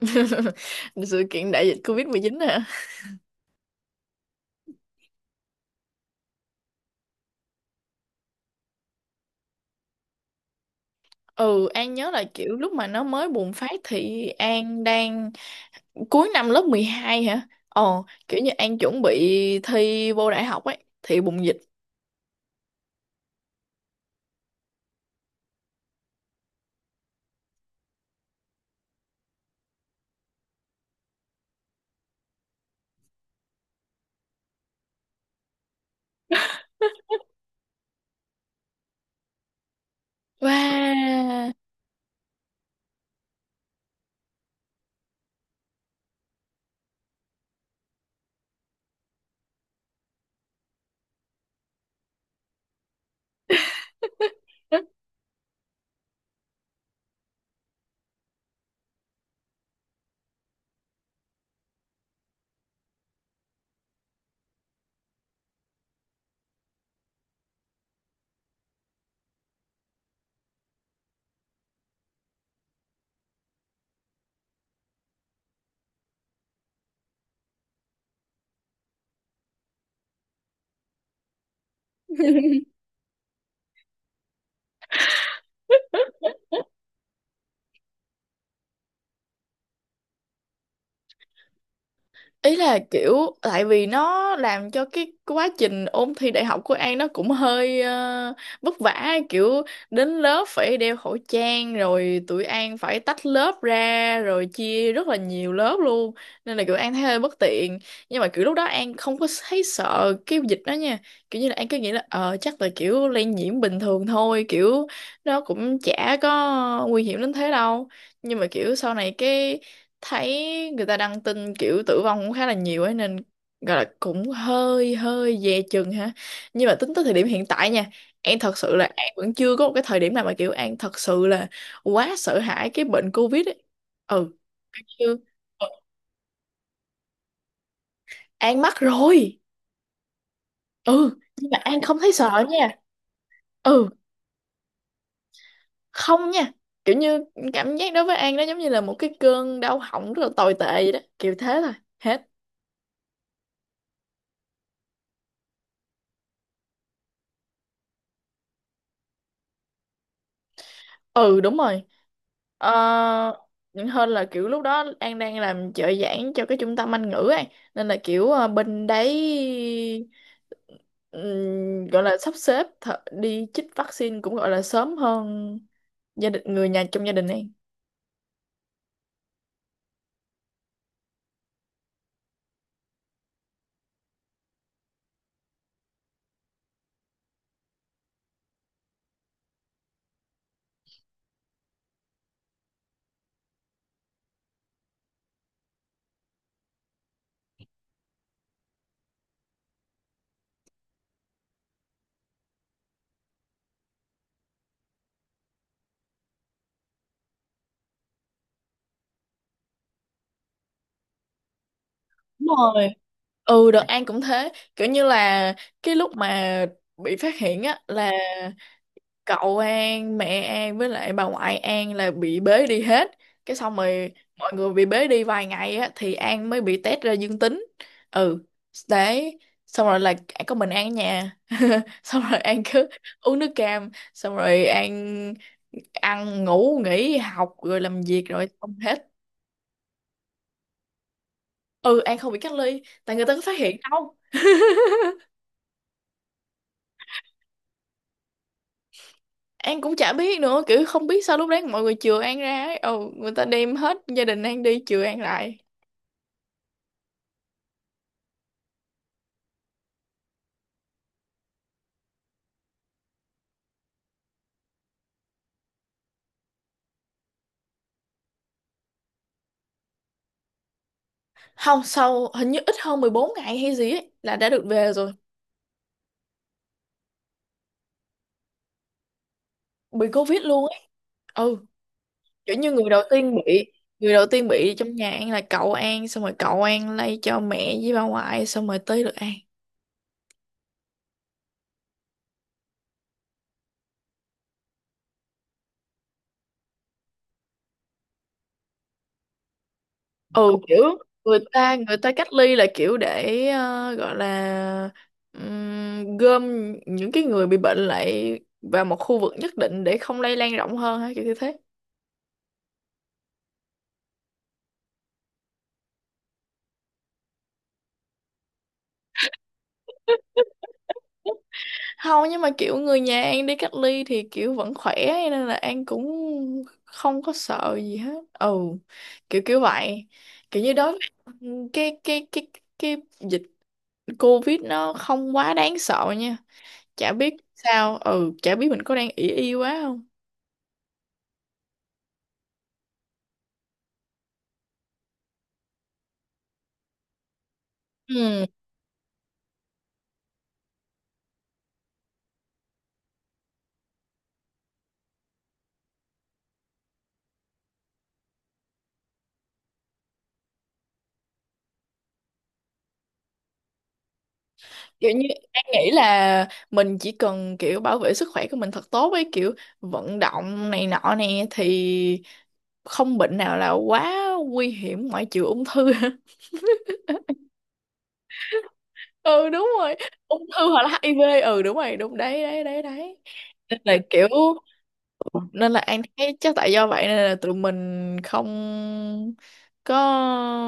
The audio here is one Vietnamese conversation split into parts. Sự kiện đại dịch covid 19 hả? Ừ, An nhớ là kiểu lúc mà nó mới bùng phát thì An đang cuối năm lớp 12 hả? Ồ, kiểu như An chuẩn bị thi vô đại học ấy, thì bùng dịch. Wow. Ý là kiểu tại vì nó làm cho cái quá trình ôn thi đại học của An nó cũng hơi vất vả, kiểu đến lớp phải đeo khẩu trang rồi tụi An phải tách lớp ra rồi chia rất là nhiều lớp luôn, nên là kiểu An thấy hơi bất tiện. Nhưng mà kiểu lúc đó An không có thấy sợ cái dịch đó nha, kiểu như là An cứ nghĩ là ờ chắc là kiểu lây nhiễm bình thường thôi, kiểu nó cũng chả có nguy hiểm đến thế đâu. Nhưng mà kiểu sau này cái thấy người ta đăng tin kiểu tử vong cũng khá là nhiều ấy, nên gọi là cũng hơi hơi dè chừng ha. Nhưng mà tính tới thời điểm hiện tại nha, An thật sự là An vẫn chưa có một cái thời điểm nào mà kiểu An thật sự là quá sợ hãi cái bệnh Covid ấy, ừ chứ. An mắc rồi. Ừ nhưng mà An không thấy sợ nha. Ừ, không nha, kiểu như cảm giác đối với An nó giống như là một cái cơn đau họng rất là tồi tệ vậy đó, kiểu thế thôi, hết. Ừ đúng rồi. ờ, Hơn là kiểu lúc đó An đang làm trợ giảng cho cái trung tâm Anh ngữ ấy, nên là kiểu bên đấy gọi là sắp xếp đi chích vaccine cũng gọi là sớm hơn gia đình, người nhà trong gia đình An. Đúng rồi. Ừ đợt An cũng thế, kiểu như là cái lúc mà bị phát hiện á là cậu An, mẹ An với lại bà ngoại An là bị bế đi hết, cái xong rồi mọi người bị bế đi vài ngày á thì An mới bị test ra dương tính. Ừ, đấy. Xong rồi là có mình An ở nhà xong rồi An cứ uống nước cam xong rồi An ăn ngủ nghỉ, học rồi làm việc rồi xong hết. Ừ, An không bị cách ly tại người ta có phát hiện đâu. An cũng chả biết nữa, kiểu không biết sao lúc đấy mọi người chừa An ra ấy. Ừ, người ta đem hết gia đình An đi chừa An lại. Không, sau hình như ít hơn 14 ngày hay gì ấy, là đã được về rồi. Bị Covid luôn ấy. Ừ, kiểu như người đầu tiên bị, người đầu tiên bị trong nhà An là cậu An, xong rồi cậu An lây cho mẹ với bà ngoại, xong rồi tới được An. Ừ, kiểu người ta, người ta cách ly là kiểu để gọi là gom những cái người bị bệnh lại vào một khu vực nhất định để không lây lan rộng hơn hay kiểu như thế. Không, nhưng mà kiểu người nhà An đi cách ly thì kiểu vẫn khỏe ấy, nên là An cũng không có sợ gì hết. Ừ, kiểu kiểu vậy. Kiểu như đối với cái cái cái cái dịch Covid nó không quá đáng sợ nha. Chả biết sao, ừ chả biết mình có đang ỷ y quá không. Ừ, kiểu như An nghĩ là mình chỉ cần kiểu bảo vệ sức khỏe của mình thật tốt ấy, kiểu vận động này nọ nè thì không bệnh nào là quá nguy hiểm ngoại trừ ung thư. Ừ đúng rồi, ung thư hoặc là HIV, ừ đúng rồi, đúng, đấy đấy đấy đấy. nên là kiểu Nên là An thấy chắc tại do vậy nên là tụi mình không có,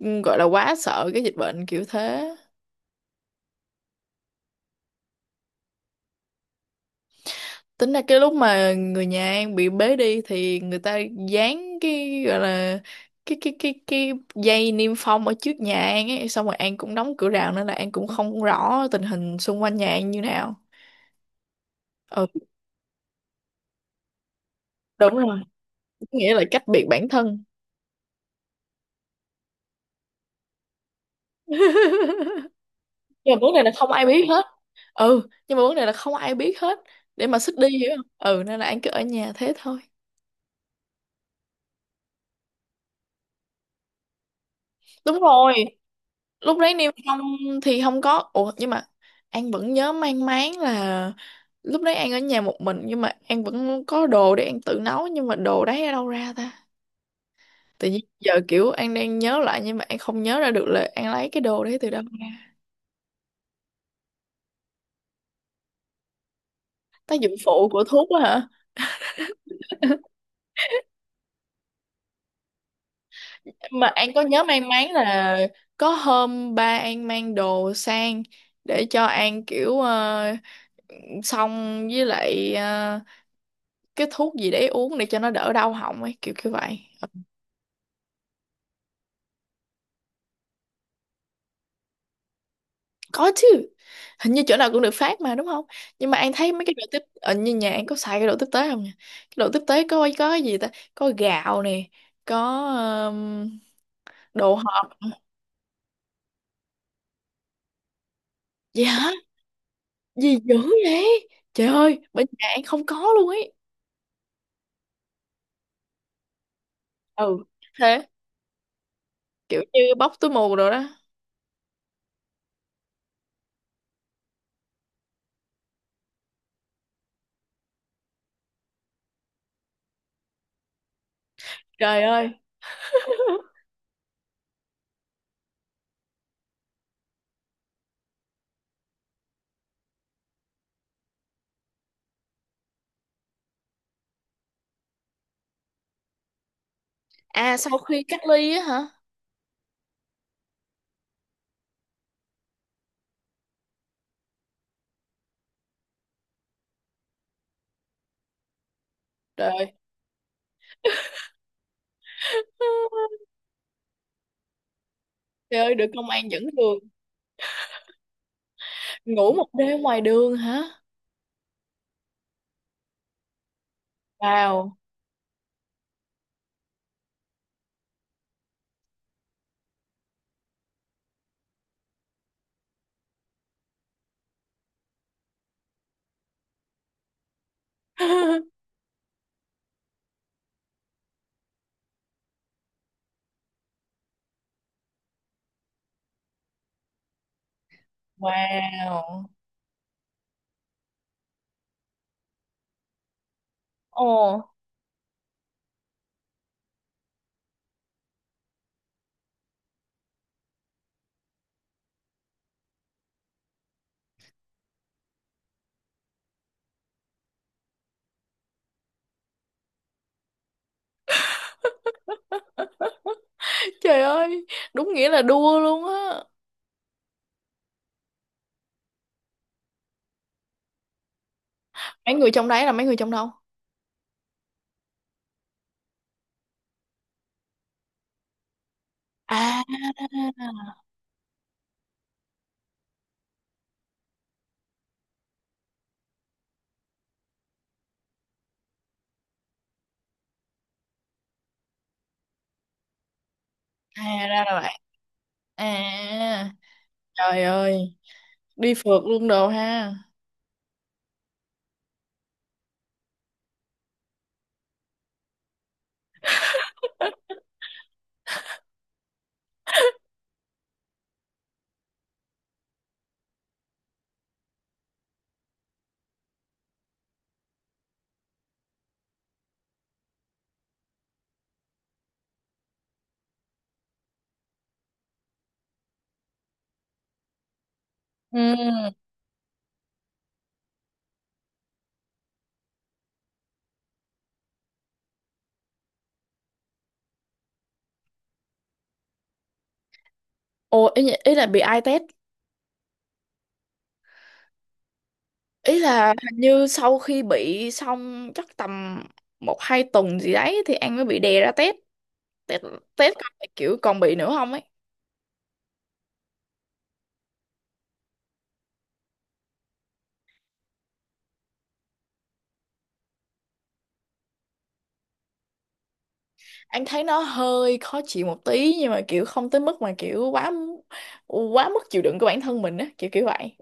ừ, gọi là quá sợ cái dịch bệnh, kiểu thế. Tính ra cái lúc mà người nhà An bị bế đi thì người ta dán cái gọi là cái dây niêm phong ở trước nhà An ấy, xong rồi An cũng đóng cửa rào nên là An cũng không rõ tình hình xung quanh nhà An như nào. Ừ đúng rồi, nghĩa là cách biệt bản thân. Nhưng mà vấn đề là không ai biết hết. Ừ nhưng mà vấn đề là không ai biết hết để mà xích đi, hiểu không. Ừ, nên là An cứ ở nhà thế thôi. Đúng rồi, lúc đấy niêm xong thì không có. Ủa nhưng mà An vẫn nhớ mang máng là lúc đấy An ở nhà một mình nhưng mà An vẫn có đồ để An tự nấu, nhưng mà đồ đấy ở đâu ra ta? Tự nhiên giờ kiểu An đang nhớ lại nhưng mà An không nhớ ra được là An lấy cái đồ đấy từ đâu ra. Tác dụng phụ của thuốc đó hả? Mà An có nhớ mang máng là có hôm ba An mang đồ sang để cho An, kiểu xong với lại cái thuốc gì để uống để cho nó đỡ đau họng ấy, kiểu kiểu vậy. Ờ, có chứ, hình như chỗ nào cũng được phát mà, đúng không. Nhưng mà An thấy mấy cái đồ tiếp ở như nhà An có xài cái đồ tiếp tế không nhỉ? Cái đồ tiếp tế có cái gì ta? Có gạo nè, có đồ hộp. Gì hả? Gì dữ vậy, trời ơi, bên nhà An không có luôn ấy. Ừ, thế kiểu như bóc túi mù rồi đó. Trời ơi. À, sau khi cách ly á hả? Trời ơi. Trời ơi, được công an dẫn đường. Ngủ một đêm ngoài đường hả? Wow. Wow. Ồ. Trời ơi, đúng nghĩa là đua luôn á. Mấy người trong đấy là mấy người trong đâu? À. À ra là vậy. À, trời ơi, đi phượt luôn đồ ha. Ừ. Ồ, ý, ý là bị ai test? Ý là hình như sau khi bị xong chắc tầm một hai tuần gì đấy thì An mới bị đè ra test, test, test coi là kiểu còn bị nữa không ấy. Anh thấy nó hơi khó chịu một tí nhưng mà kiểu không tới mức mà kiểu quá quá mức chịu đựng của bản thân mình á, kiểu kiểu vậy.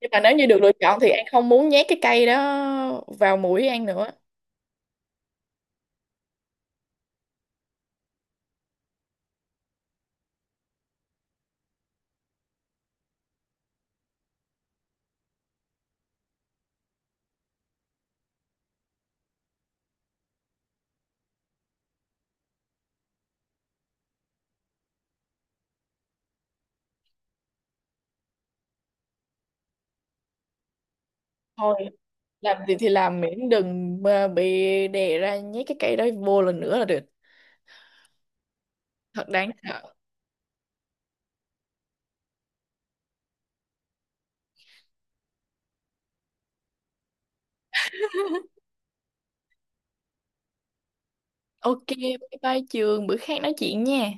Nhưng mà nếu như được lựa chọn thì An không muốn nhét cái cây đó vào mũi An nữa. Thôi, làm gì thì làm miễn đừng mà bị đè ra nhét cái cây đó vô lần nữa là được. Thật đáng sợ. Ok, bye bye Trường, bữa khác nói chuyện nha.